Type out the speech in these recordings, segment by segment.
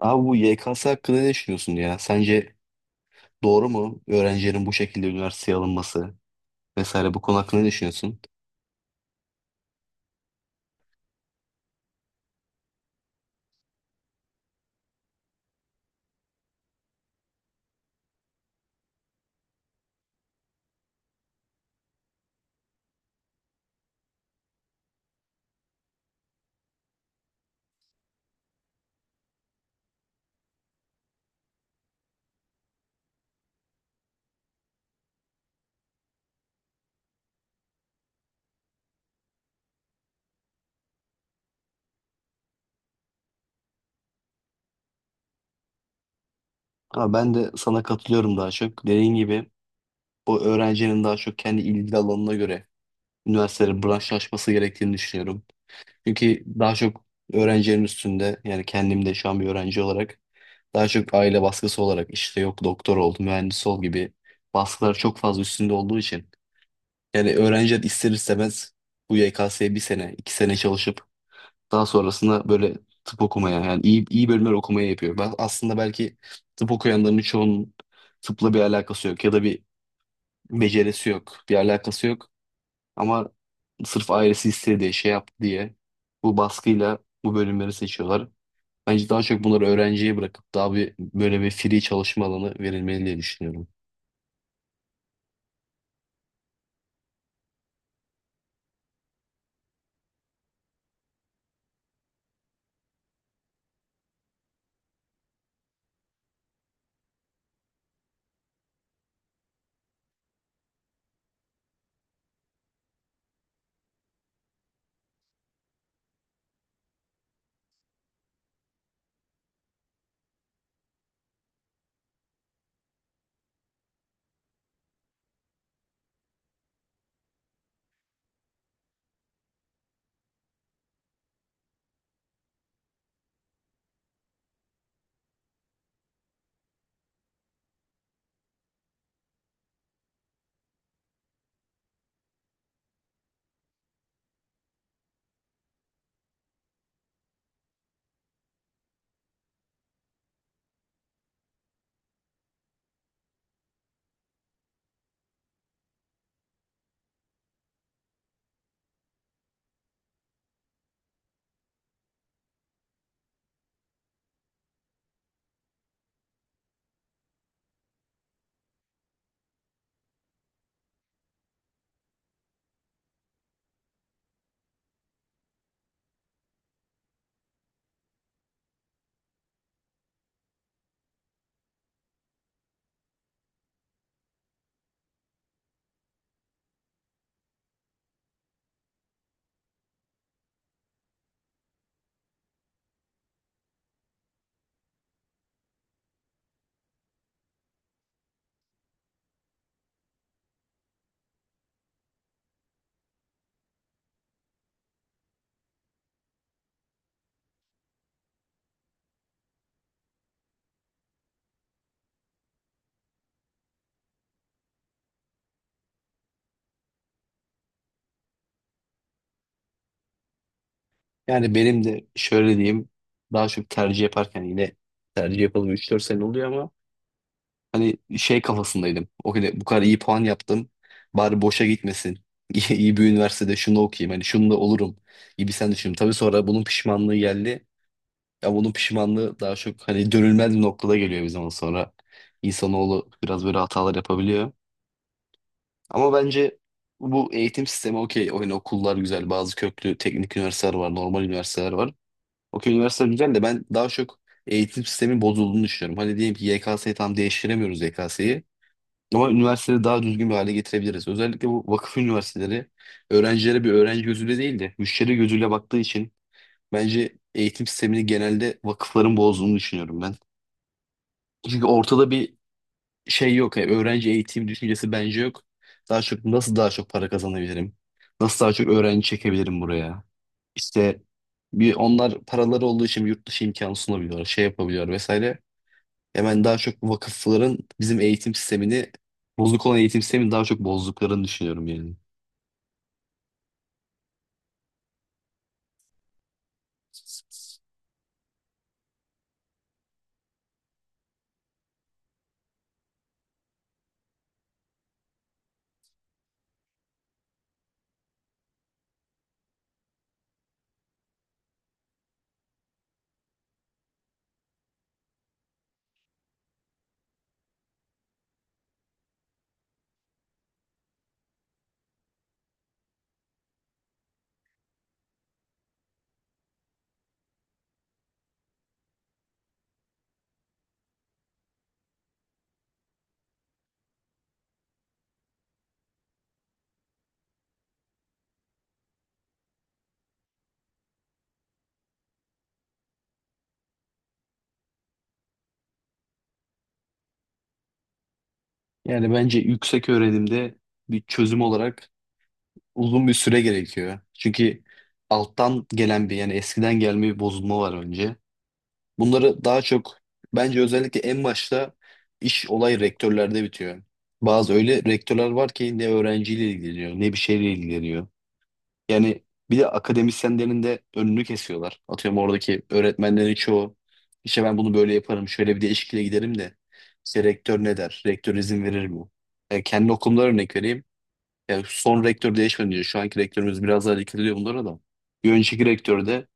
Abi bu YKS hakkında ne düşünüyorsun ya? Sence doğru mu öğrencilerin bu şekilde üniversiteye alınması vesaire bu konu hakkında ne düşünüyorsun? Ama ben de sana katılıyorum daha çok. Dediğin gibi bu öğrencinin daha çok kendi ilgi alanına göre üniversitelerin branşlaşması gerektiğini düşünüyorum. Çünkü daha çok öğrencilerin üstünde, yani kendim de şu an bir öğrenci olarak daha çok aile baskısı olarak işte yok doktor ol, mühendis ol gibi baskılar çok fazla üstünde olduğu için yani öğrenciler ister istemez bu YKS'ye bir sene, iki sene çalışıp daha sonrasında böyle tıp okumaya, yani iyi, iyi bölümler okumaya yapıyor. Ben aslında belki tıp okuyanların çoğunun tıpla bir alakası yok ya da bir becerisi yok, bir alakası yok. Ama sırf ailesi istedi, şey yaptı diye bu baskıyla bu bölümleri seçiyorlar. Bence daha çok bunları öğrenciye bırakıp daha bir böyle bir free çalışma alanı verilmeli diye düşünüyorum. Yani benim de şöyle diyeyim, daha çok tercih yaparken yine tercih yapalım üç dört sene oluyor ama hani şey kafasındaydım. O kadar, bu kadar iyi puan yaptım. Bari boşa gitmesin. İyi, iyi bir üniversitede şunu okuyayım. Hani şunu da olurum gibi sen düşün. Tabii sonra bunun pişmanlığı geldi. Ya bunun pişmanlığı daha çok hani dönülmez bir noktada geliyor bir zaman sonra. İnsanoğlu biraz böyle hatalar yapabiliyor. Ama bence bu eğitim sistemi okey. Hani okullar güzel. Bazı köklü teknik üniversiteler var. Normal üniversiteler var. Okey, üniversiteler güzel de ben daha çok eğitim sistemin bozulduğunu düşünüyorum. Hani diyelim ki YKS'yi tam değiştiremiyoruz YKS'yi. Ama üniversiteleri daha düzgün bir hale getirebiliriz. Özellikle bu vakıf üniversiteleri öğrencilere bir öğrenci gözüyle değil de müşteri gözüyle baktığı için bence eğitim sistemini genelde vakıfların bozduğunu düşünüyorum ben. Çünkü ortada bir şey yok. Yani öğrenci eğitim düşüncesi bence yok. Daha çok nasıl daha çok para kazanabilirim? Nasıl daha çok öğrenci çekebilirim buraya? İşte bir onlar paraları olduğu için yurt dışı imkanı sunabiliyorlar, şey yapabiliyor vesaire. Hemen daha çok bu vakıfların bizim eğitim sistemini, bozuk olan eğitim sistemini daha çok bozduklarını düşünüyorum yani. Yani bence yüksek öğrenimde bir çözüm olarak uzun bir süre gerekiyor. Çünkü alttan gelen bir, yani eskiden gelme bir bozulma var önce. Bunları daha çok bence özellikle en başta iş olay rektörlerde bitiyor. Bazı öyle rektörler var ki ne öğrenciyle ilgileniyor ne bir şeyle ilgileniyor. Yani bir de akademisyenlerin de önünü kesiyorlar. Atıyorum oradaki öğretmenlerin çoğu işte ben bunu böyle yaparım, şöyle bir değişikliğe giderim de işte rektör ne der? Rektör izin verir mi? Yani kendi okulumdan örnek vereyim. Yani son rektör değişmedi diyor. Şu anki rektörümüz biraz daha dikkat ediyor bunlara da. Bir önceki rektör de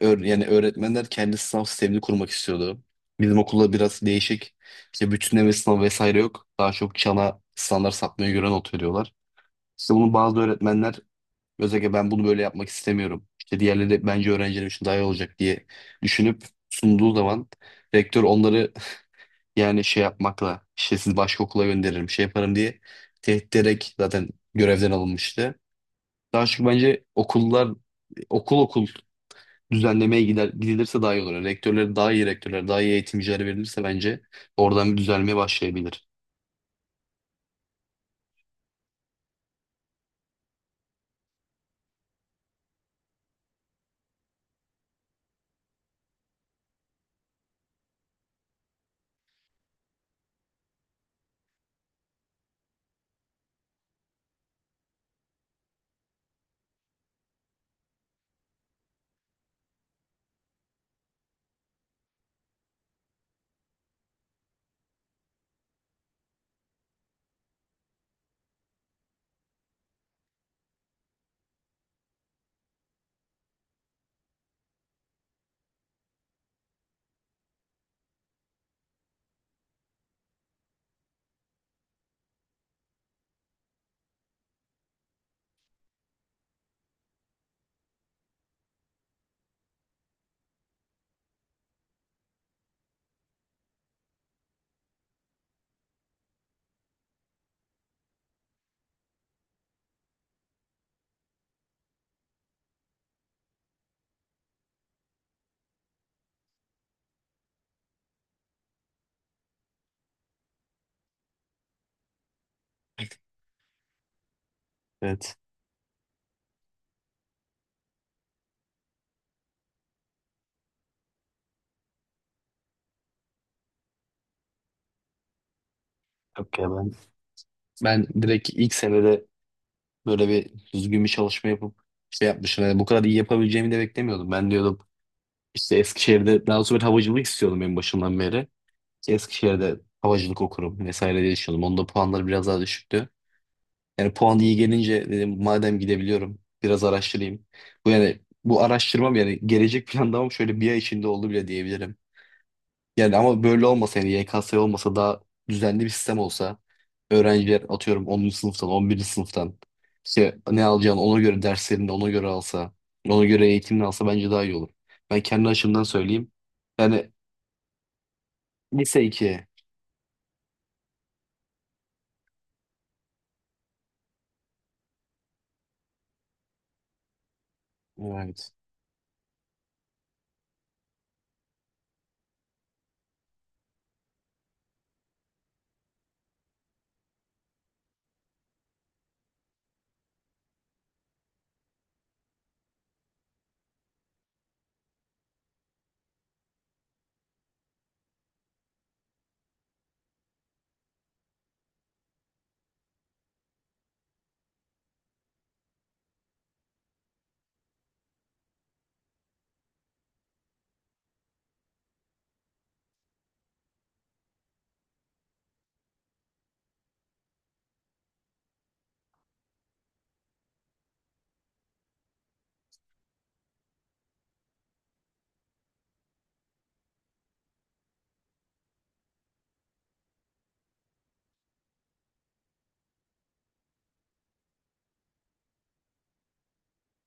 yani öğretmenler kendi sınav sistemini kurmak istiyordu. Bizim okulda biraz değişik. İşte bütünleme sınavı vesaire yok. Daha çok çana standart sapmaya göre not veriyorlar. İşte bunu bazı öğretmenler, özellikle ben bunu böyle yapmak istemiyorum, İşte diğerleri de bence öğrencilerim için daha iyi olacak diye düşünüp sunduğu zaman rektör onları yani şey yapmakla, işte sizi başka okula gönderirim, şey yaparım diye tehdit ederek zaten görevden alınmıştı. Daha çok bence okullar okul okul düzenlemeye gider, gidilirse daha iyi olur. Yani rektörlere daha iyi rektörler, daha iyi eğitimciler verilirse bence oradan bir düzelmeye başlayabilir. Evet. Okey. Ben direkt ilk senede böyle bir düzgün bir çalışma yapıp şey yapmışım. Yani bu kadar iyi yapabileceğimi de beklemiyordum. Ben diyordum işte Eskişehir'de daha sonra havacılık istiyordum en başından beri. İşte Eskişehir'de havacılık okurum vesaire diye düşünüyordum. Onda puanları biraz daha düşüktü. Yani puan iyi gelince dedim madem gidebiliyorum biraz araştırayım. Bu yani bu araştırmam, yani gelecek planlamam şöyle bir ay içinde oldu bile diyebilirim. Yani ama böyle olmasa, yani YKS olmasa daha düzenli bir sistem olsa öğrenciler atıyorum 10. sınıftan 11. sınıftan işte ne alacağını ona göre derslerini de ona göre alsa, ona göre eğitimini alsa bence daha iyi olur. Ben kendi açımdan söyleyeyim. Yani lise 2, evet.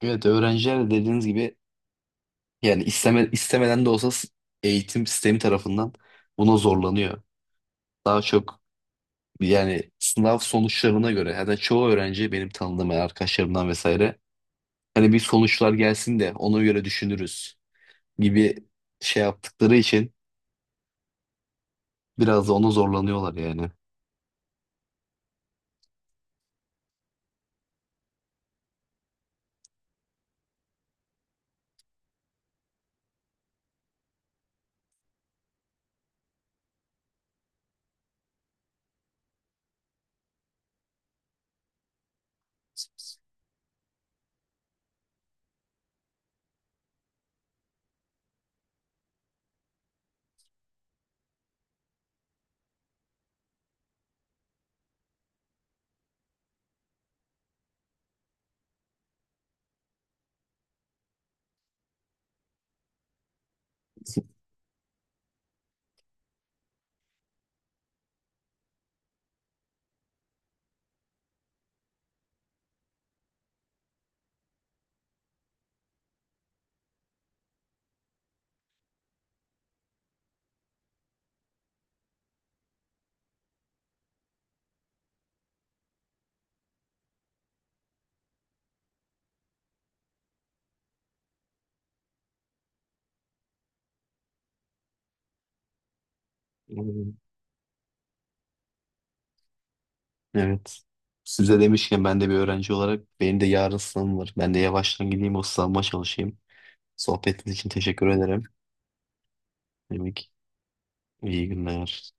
Evet, öğrenciler de dediğiniz gibi yani istemeden de olsa eğitim sistemi tarafından buna zorlanıyor. Daha çok yani sınav sonuçlarına göre, yani çoğu öğrenci, benim tanıdığım yani arkadaşlarımdan vesaire, hani bir sonuçlar gelsin de ona göre düşünürüz gibi şey yaptıkları için biraz da ona zorlanıyorlar yani. Hmm. Evet. Size demişken ben de bir öğrenci olarak benim de yarın sınavım var. Ben de yavaştan gideyim o sınavıma çalışayım. Sohbetiniz için teşekkür ederim. Demek iyi günler.